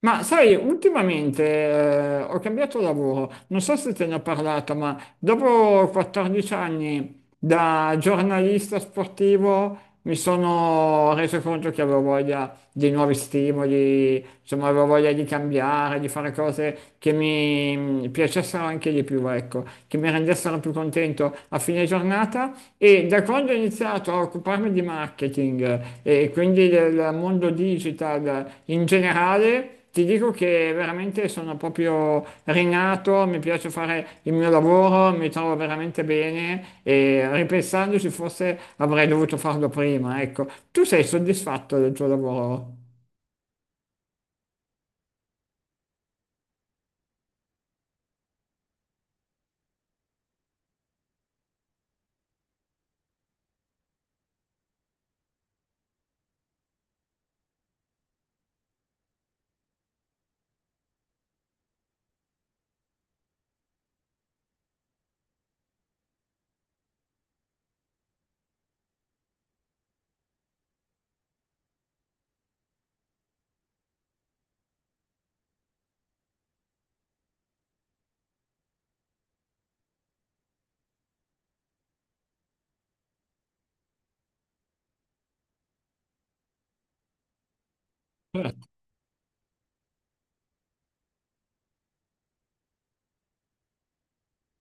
Ma sai, ultimamente ho cambiato lavoro, non so se te ne ho parlato, ma dopo 14 anni da giornalista sportivo mi sono reso conto che avevo voglia di nuovi stimoli, insomma avevo voglia di cambiare, di fare cose che mi piacessero anche di più, ecco, che mi rendessero più contento a fine giornata e da quando ho iniziato a occuparmi di marketing e quindi del mondo digital in generale, ti dico che veramente sono proprio rinato, mi piace fare il mio lavoro, mi trovo veramente bene e ripensandoci forse avrei dovuto farlo prima, ecco. Tu sei soddisfatto del tuo lavoro? Certo.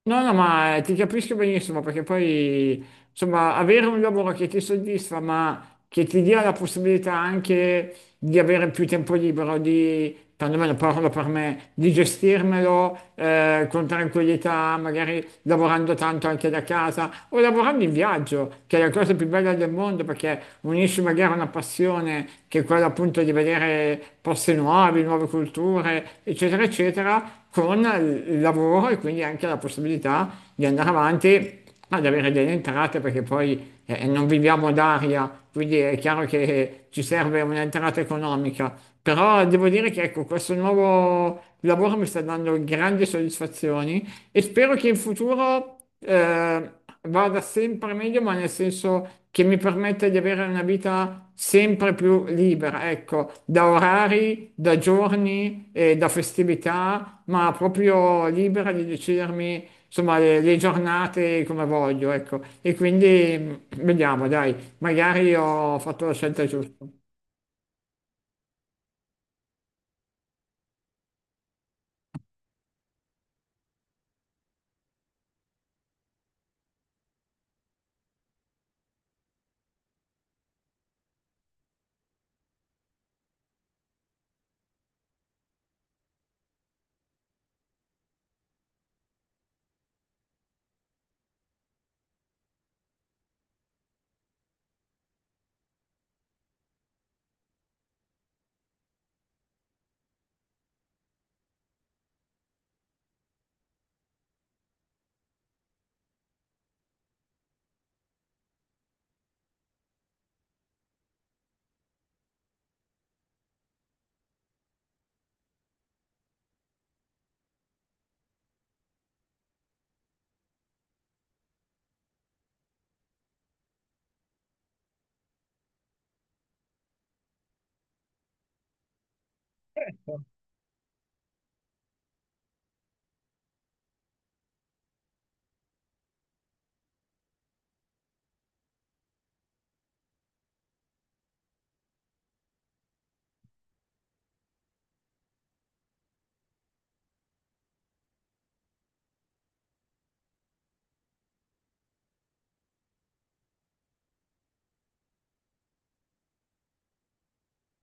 No, no, ma ti capisco benissimo perché poi, insomma, avere un lavoro che ti soddisfa, ma che ti dia la possibilità anche di avere più tempo libero, di, perlomeno parlo per me, di gestirmelo con tranquillità, magari lavorando tanto anche da casa o lavorando in viaggio, che è la cosa più bella del mondo perché unisci magari una passione che è quella appunto di vedere posti nuovi, nuove culture, eccetera, eccetera, con il lavoro e quindi anche la possibilità di andare avanti ad avere delle entrate perché poi e non viviamo d'aria, quindi è chiaro che ci serve un'entrata economica. Però devo dire che ecco, questo nuovo lavoro mi sta dando grandi soddisfazioni e spero che in futuro vada sempre meglio, ma nel senso che mi permetta di avere una vita sempre più libera, ecco, da orari, da giorni e da festività, ma proprio libera di decidermi, insomma, le giornate come voglio, ecco. E quindi vediamo, dai, magari ho fatto la scelta giusta.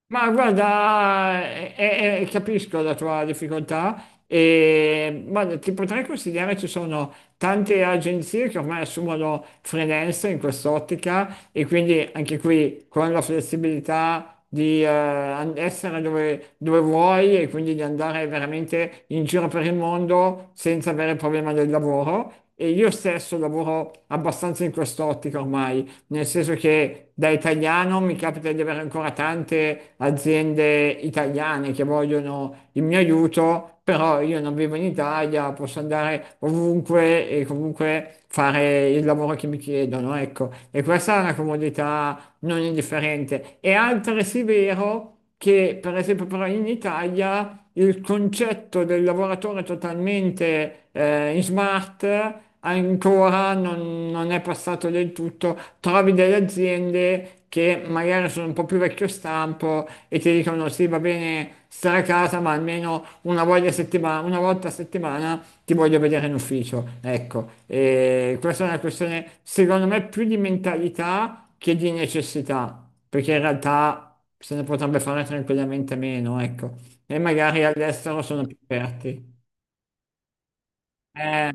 Ma guarda, capisco la tua difficoltà e guarda, ti potrei consigliare, ci sono tante agenzie che ormai assumono freelance in quest'ottica e quindi anche qui con la flessibilità di essere dove, dove vuoi e quindi di andare veramente in giro per il mondo senza avere il problema del lavoro. E io stesso lavoro abbastanza in quest'ottica ormai, nel senso che da italiano mi capita di avere ancora tante aziende italiane che vogliono il mio aiuto, però io non vivo in Italia, posso andare ovunque e comunque fare il lavoro che mi chiedono, ecco. E questa è una comodità non indifferente. È altresì vero che, per esempio, però in Italia il concetto del lavoratore totalmente in smart ancora non è passato del tutto. Trovi delle aziende che magari sono un po' più vecchio stampo e ti dicono sì, va bene stare a casa, ma almeno una volta a settimana ti voglio vedere in ufficio. Ecco, e questa è una questione, secondo me, più di mentalità che di necessità, perché in realtà se ne potrebbe fare tranquillamente meno, ecco. E magari all'estero sono più aperti. Eh,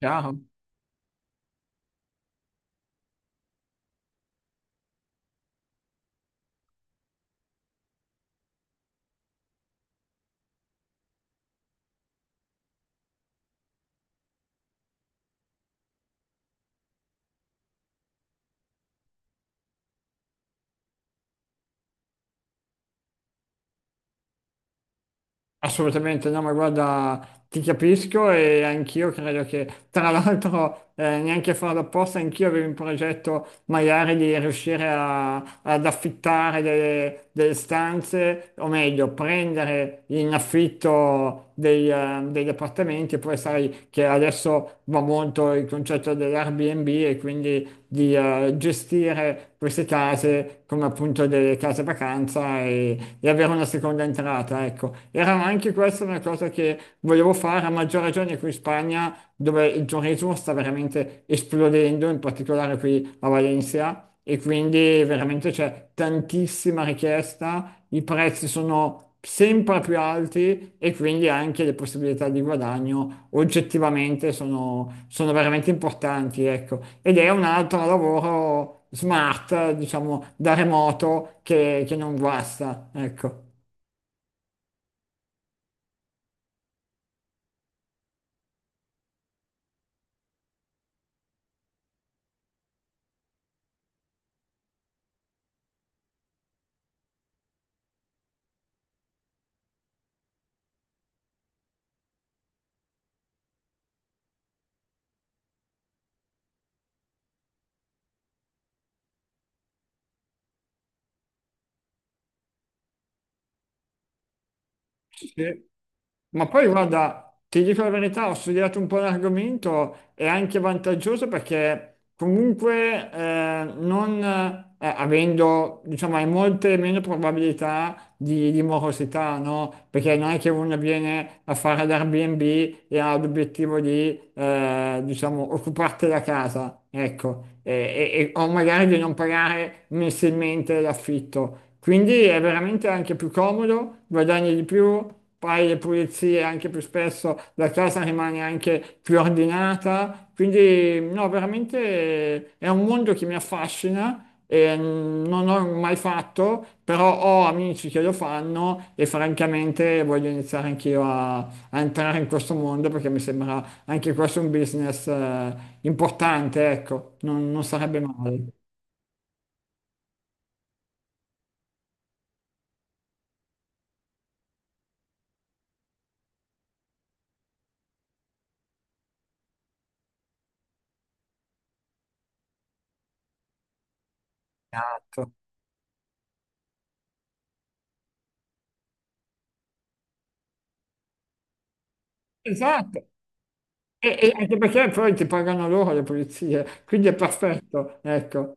Chiaro. Assolutamente, no, ma guarda, ti capisco e anch'io credo che, tra l'altro, neanche a farlo apposta, anch'io avevo in progetto magari di ad affittare delle stanze, o meglio, prendere in affitto degli appartamenti, poi sai che adesso va molto il concetto dell'Airbnb e quindi di gestire queste case come appunto delle case vacanza e avere una seconda entrata, ecco. Era anche questa una cosa che volevo fare, a maggior ragione qui in Spagna, dove il turismo sta veramente esplodendo, in particolare qui a Valencia, e quindi veramente c'è tantissima richiesta, i prezzi sono sempre più alti e quindi anche le possibilità di guadagno oggettivamente sono veramente importanti, ecco. Ed è un altro lavoro smart, diciamo, da remoto che non guasta, ecco. Sì. Ma poi guarda, ti dico la verità, ho studiato un po' l'argomento, è anche vantaggioso perché comunque non avendo, diciamo, hai molte meno probabilità di morosità, no? Perché non è che uno viene a fare l'Airbnb e ha l'obiettivo diciamo, occuparti la casa, ecco, o magari di non pagare mensilmente l'affitto. Quindi è veramente anche più comodo, guadagni di più, fai le pulizie anche più spesso, la casa rimane anche più ordinata. Quindi, no, veramente è un mondo che mi affascina non ho mai fatto, però ho amici che lo fanno e francamente voglio iniziare anch'io a entrare in questo mondo perché mi sembra anche questo un business importante, ecco, non sarebbe male. Esatto. Esatto, e anche perché poi ti pagano loro le pulizie, quindi è perfetto, ecco.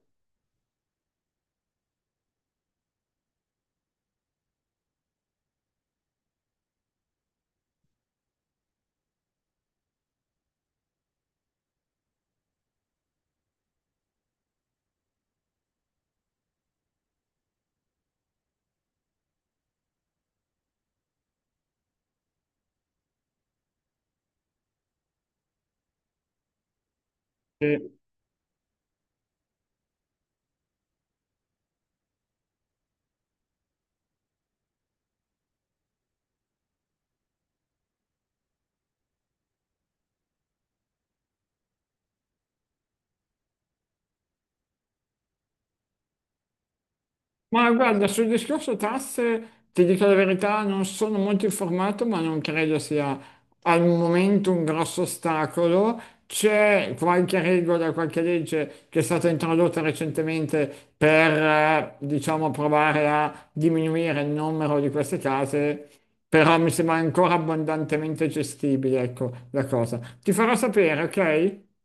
Ma guarda, sul discorso tasse, ti dico la verità, non sono molto informato, ma non credo sia al momento un grosso ostacolo. C'è qualche regola, qualche legge che è stata introdotta recentemente per, diciamo, provare a diminuire il numero di queste case, però mi sembra ancora abbondantemente gestibile, ecco, la cosa. Ti farò sapere, ok?